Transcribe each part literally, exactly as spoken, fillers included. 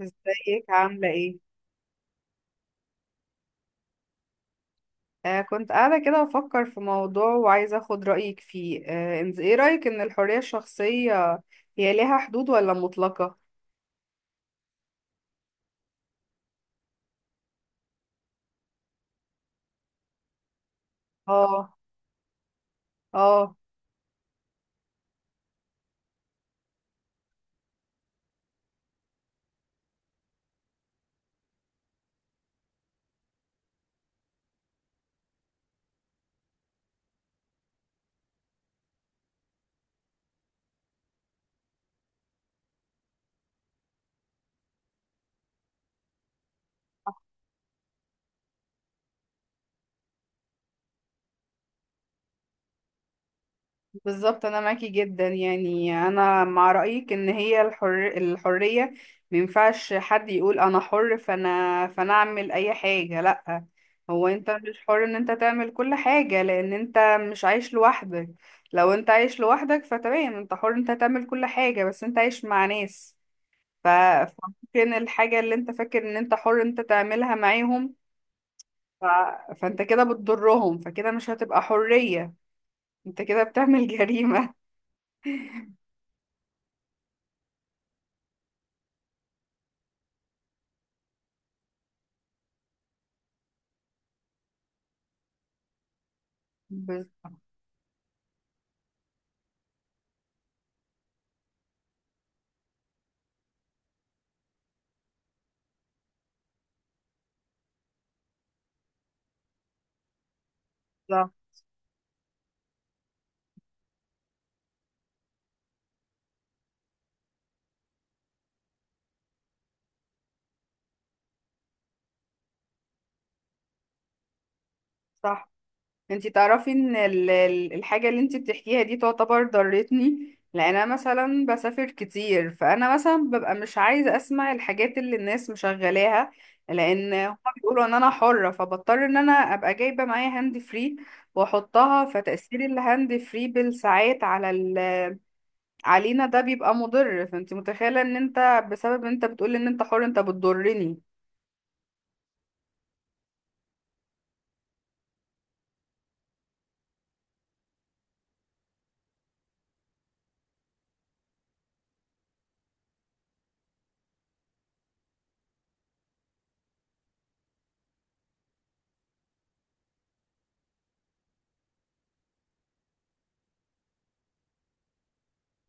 ازيك عاملة ايه؟ آه كنت قاعدة كده بفكر في موضوع وعايزة اخد رأيك فيه. آه انت ايه رأيك ان الحرية الشخصية هي ليها حدود ولا مطلقة؟ اه. اه. بالظبط، انا معاكي جدا، يعني انا مع رايك ان هي الحر الحريه مينفعش حد يقول انا حر، فانا فانا اعمل اي حاجه، لا. هو انت مش حر ان انت تعمل كل حاجه لان انت مش عايش لوحدك. لو انت عايش لوحدك فتمام، انت حر انت تعمل كل حاجه، بس انت عايش مع ناس. ف... فممكن الحاجه اللي انت فاكر ان انت حر انت تعملها معاهم. ف... فانت كده بتضرهم، فكده مش هتبقى حريه. انت كده بتعمل جريمه. بالظبط. صح. انتي تعرفي ان ال- ال- الحاجة اللي انتي بتحكيها دي تعتبر ضرتني، لان انا مثلا بسافر كتير، فانا مثلا ببقى مش عايزة اسمع الحاجات اللي الناس مشغلاها، لان هما بيقولوا ان انا حرة، فبضطر ان انا ابقى جايبة معايا هاند فري واحطها، فتأثير الهاند فري بالساعات على ال... علينا ده بيبقى مضر. فانتي متخيلة ان انت بسبب ان انت بتقولي ان انت حر انت بتضرني.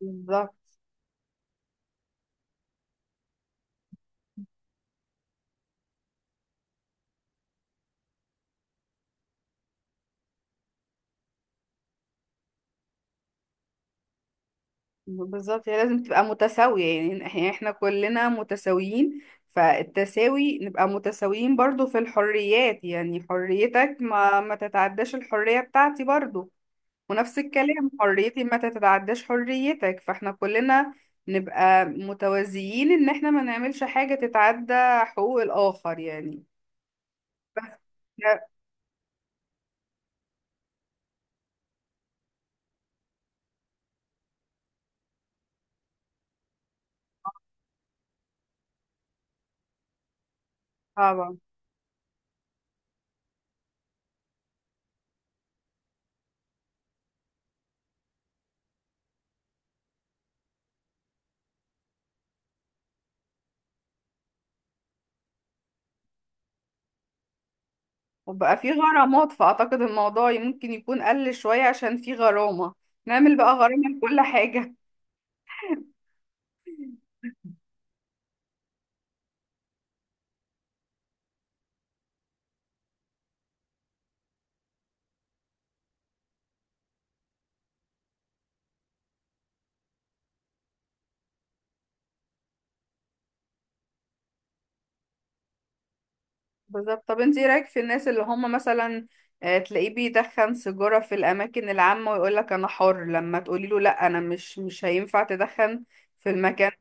بالظبط. بالظبط، هي لازم تبقى متساوية، يعني إح- احنا كلنا متساويين. فالتساوي نبقى متساويين برضو في الحريات، يعني حريتك ما ما تتعداش الحرية بتاعتي برضو. ونفس الكلام، حريتي ما تتعداش حريتك، فاحنا كلنا نبقى متوازيين ان احنا ما نعملش حاجة تتعدى حقوق الآخر يعني. بس لا. طبعا. وبقى في غرامات، فأعتقد الموضوع ممكن يكون قل شوية عشان في غرامة. نعمل بقى غرامة لكل حاجة. بالظبط، طب انت ايه رايك في الناس اللي هم مثلا آه، تلاقيه بيدخن سيجاره في الاماكن العامه ويقول لك انا حر، لما تقولي له لا انا مش مش هينفع تدخن في المكان.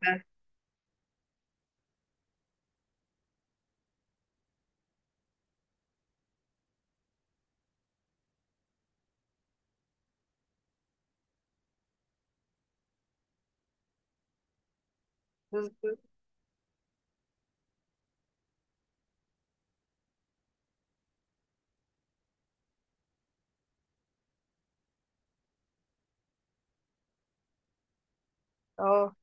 اه.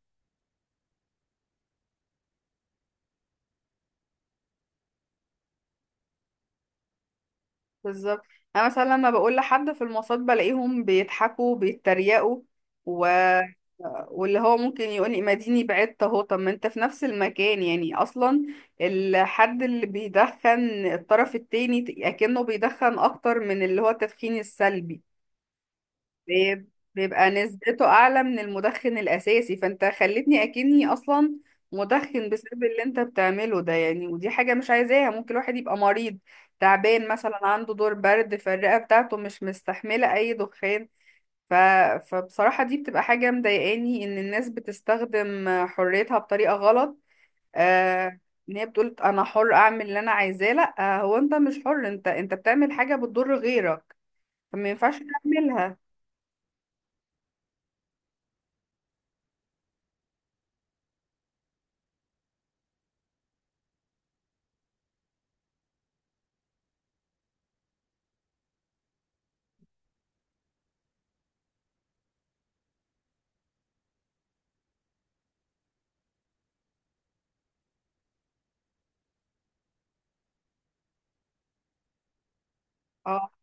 بالظبط. انا مثلا لما بقول لحد في المواصلات بلاقيهم بيضحكوا بيتريقوا، و... واللي هو ممكن يقول لي ما ديني بعدت اهو. طب ما انت في نفس المكان يعني اصلا. الحد اللي بيدخن الطرف التاني ت- اكنه بيدخن اكتر من اللي هو التدخين السلبي. بيب- بيبقى نسبته اعلى من المدخن الاساسي، فانت خلتني اكني اصلا مدخن بسبب اللي انت بتعمله ده يعني. ودي حاجة مش عايزاها، ممكن الواحد يبقى مريض تعبان، مثلا عنده دور برد فالرئة بتاعته مش مستحملة اي دخان. ف... فبصراحة دي بتبقى حاجة مضايقاني ان الناس بتستخدم حريتها بطريقة غلط. آه... ان هي بتقول انا حر اعمل اللي انا عايزاه، لا آه، هو انت مش حر، انت انت بتعمل حاجة بتضر غيرك فما ينفعش تعملها. آه.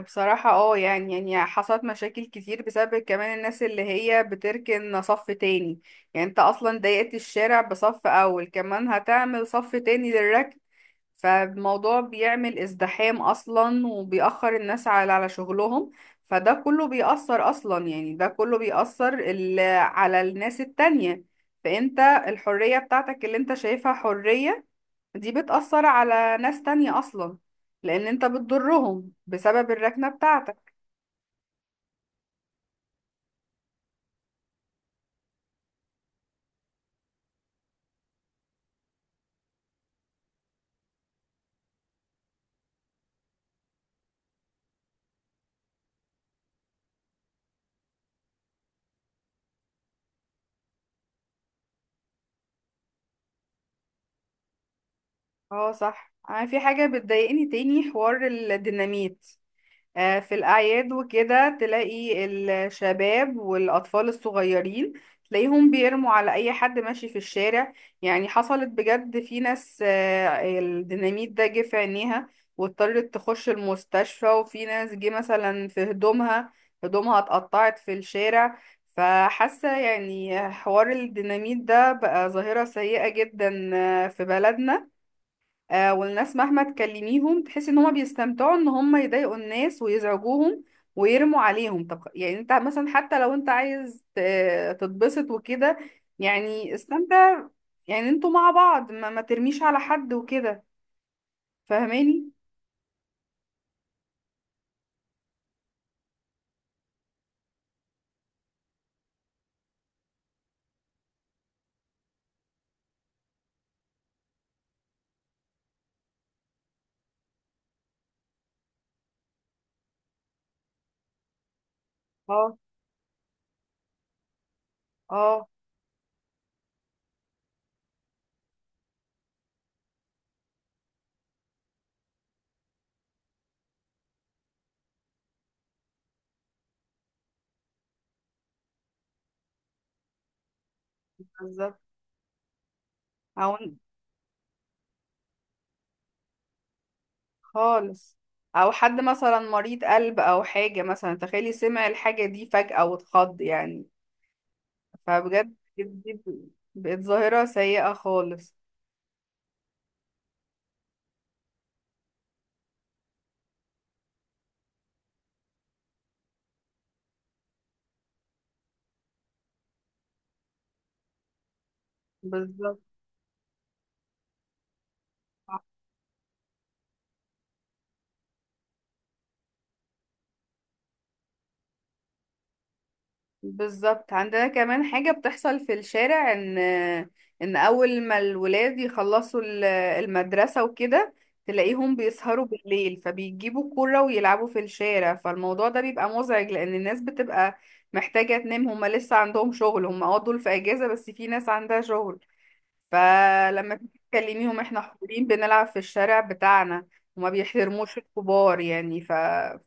بصراحة اه، يعني يعني حصلت مشاكل كتير بسبب كمان الناس اللي هي بتركن صف تاني. يعني انت اصلا ضيقت الشارع بصف اول، كمان هتعمل صف تاني للركن. فالموضوع بيعمل ازدحام اصلا، وبيأخر الناس على على شغلهم، فده كله بيأثر اصلا، يعني ده كله بيأثر ال- على الناس التانية. فانت الحرية بتاعتك اللي انت شايفها حرية دي بتأثر على ناس تانية أصلا، لأن أنت بتضرهم بسبب الركنة بتاعتك. اه صح، أنا في حاجة بتضايقني تاني، حوار الديناميت. آه، في الأعياد وكده تلاقي الشباب والأطفال الصغيرين، تلاقيهم بيرموا على أي حد ماشي في الشارع. يعني حصلت بجد، في ناس آه، الديناميت ده جه في عينيها واضطرت تخش المستشفى، وفي ناس جه مثلا في هدومها، هدومها اتقطعت في الشارع. فحاسة يعني حوار الديناميت ده بقى ظاهرة سيئة جدا آه، في بلدنا. آه والناس مهما تكلميهم تحسي ان هما بيستمتعوا ان هما يضايقوا الناس ويزعجوهم ويرموا عليهم. طب يعني انت مثلا حتى لو انت عايز ت- تتبسط وكده، يعني استمتع. يعني انتوا مع بعض ما, ما ترميش على حد وكده، فاهماني؟ اه. اه. بالظبط. او خالص. او حد مثلا مريض قلب او حاجة، مثلا تخيلي سمع الحاجة دي فجأة واتخض يعني. فبجد دي دي بقت ظاهرة سيئة خالص. بالظبط. بالظبط، عندنا كمان حاجة بتحصل في الشارع، ان ان اول ما الولاد يخلصوا ال- المدرسة وكده تلاقيهم بيسهروا بالليل، فبيجيبوا كرة ويلعبوا في الشارع، فالموضوع ده بيبقى مزعج لان الناس بتبقى محتاجة تنام. هما لسه عندهم شغل، هما اه دول في اجازة، بس في ناس عندها شغل. فلما تيجي تكلميهم، احنا حاضرين بنلعب في الشارع بتاعنا، وما بيحترموش الكبار يعني. ف...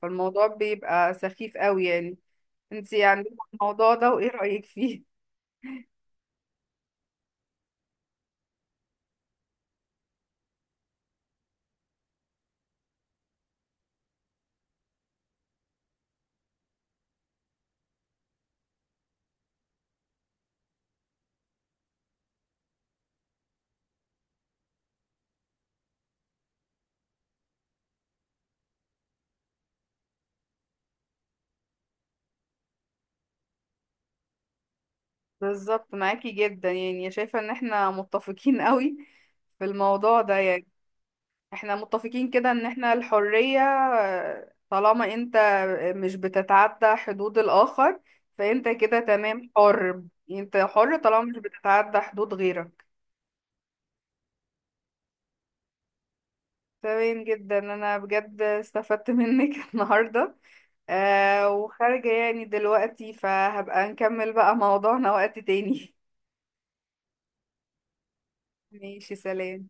فالموضوع بيبقى سخيف قوي يعني. انتي عندك الموضوع ده وايه رأيك فيه؟ بالظبط، معاكي جدا، يعني شايفة ان احنا متفقين قوي في الموضوع ده يعني. احنا متفقين كده ان احنا الحرية آه، طالما انت مش بتتعدى حدود الآخر، فانت كده تمام حر. انت حر طالما مش بتتعدى حدود غيرك. تمام جدا، انا بجد استفدت منك النهاردة. آه وخارجة يعني دلوقتي، فهبقى نكمل بقى موضوعنا وقت تاني. ماشي، سلام.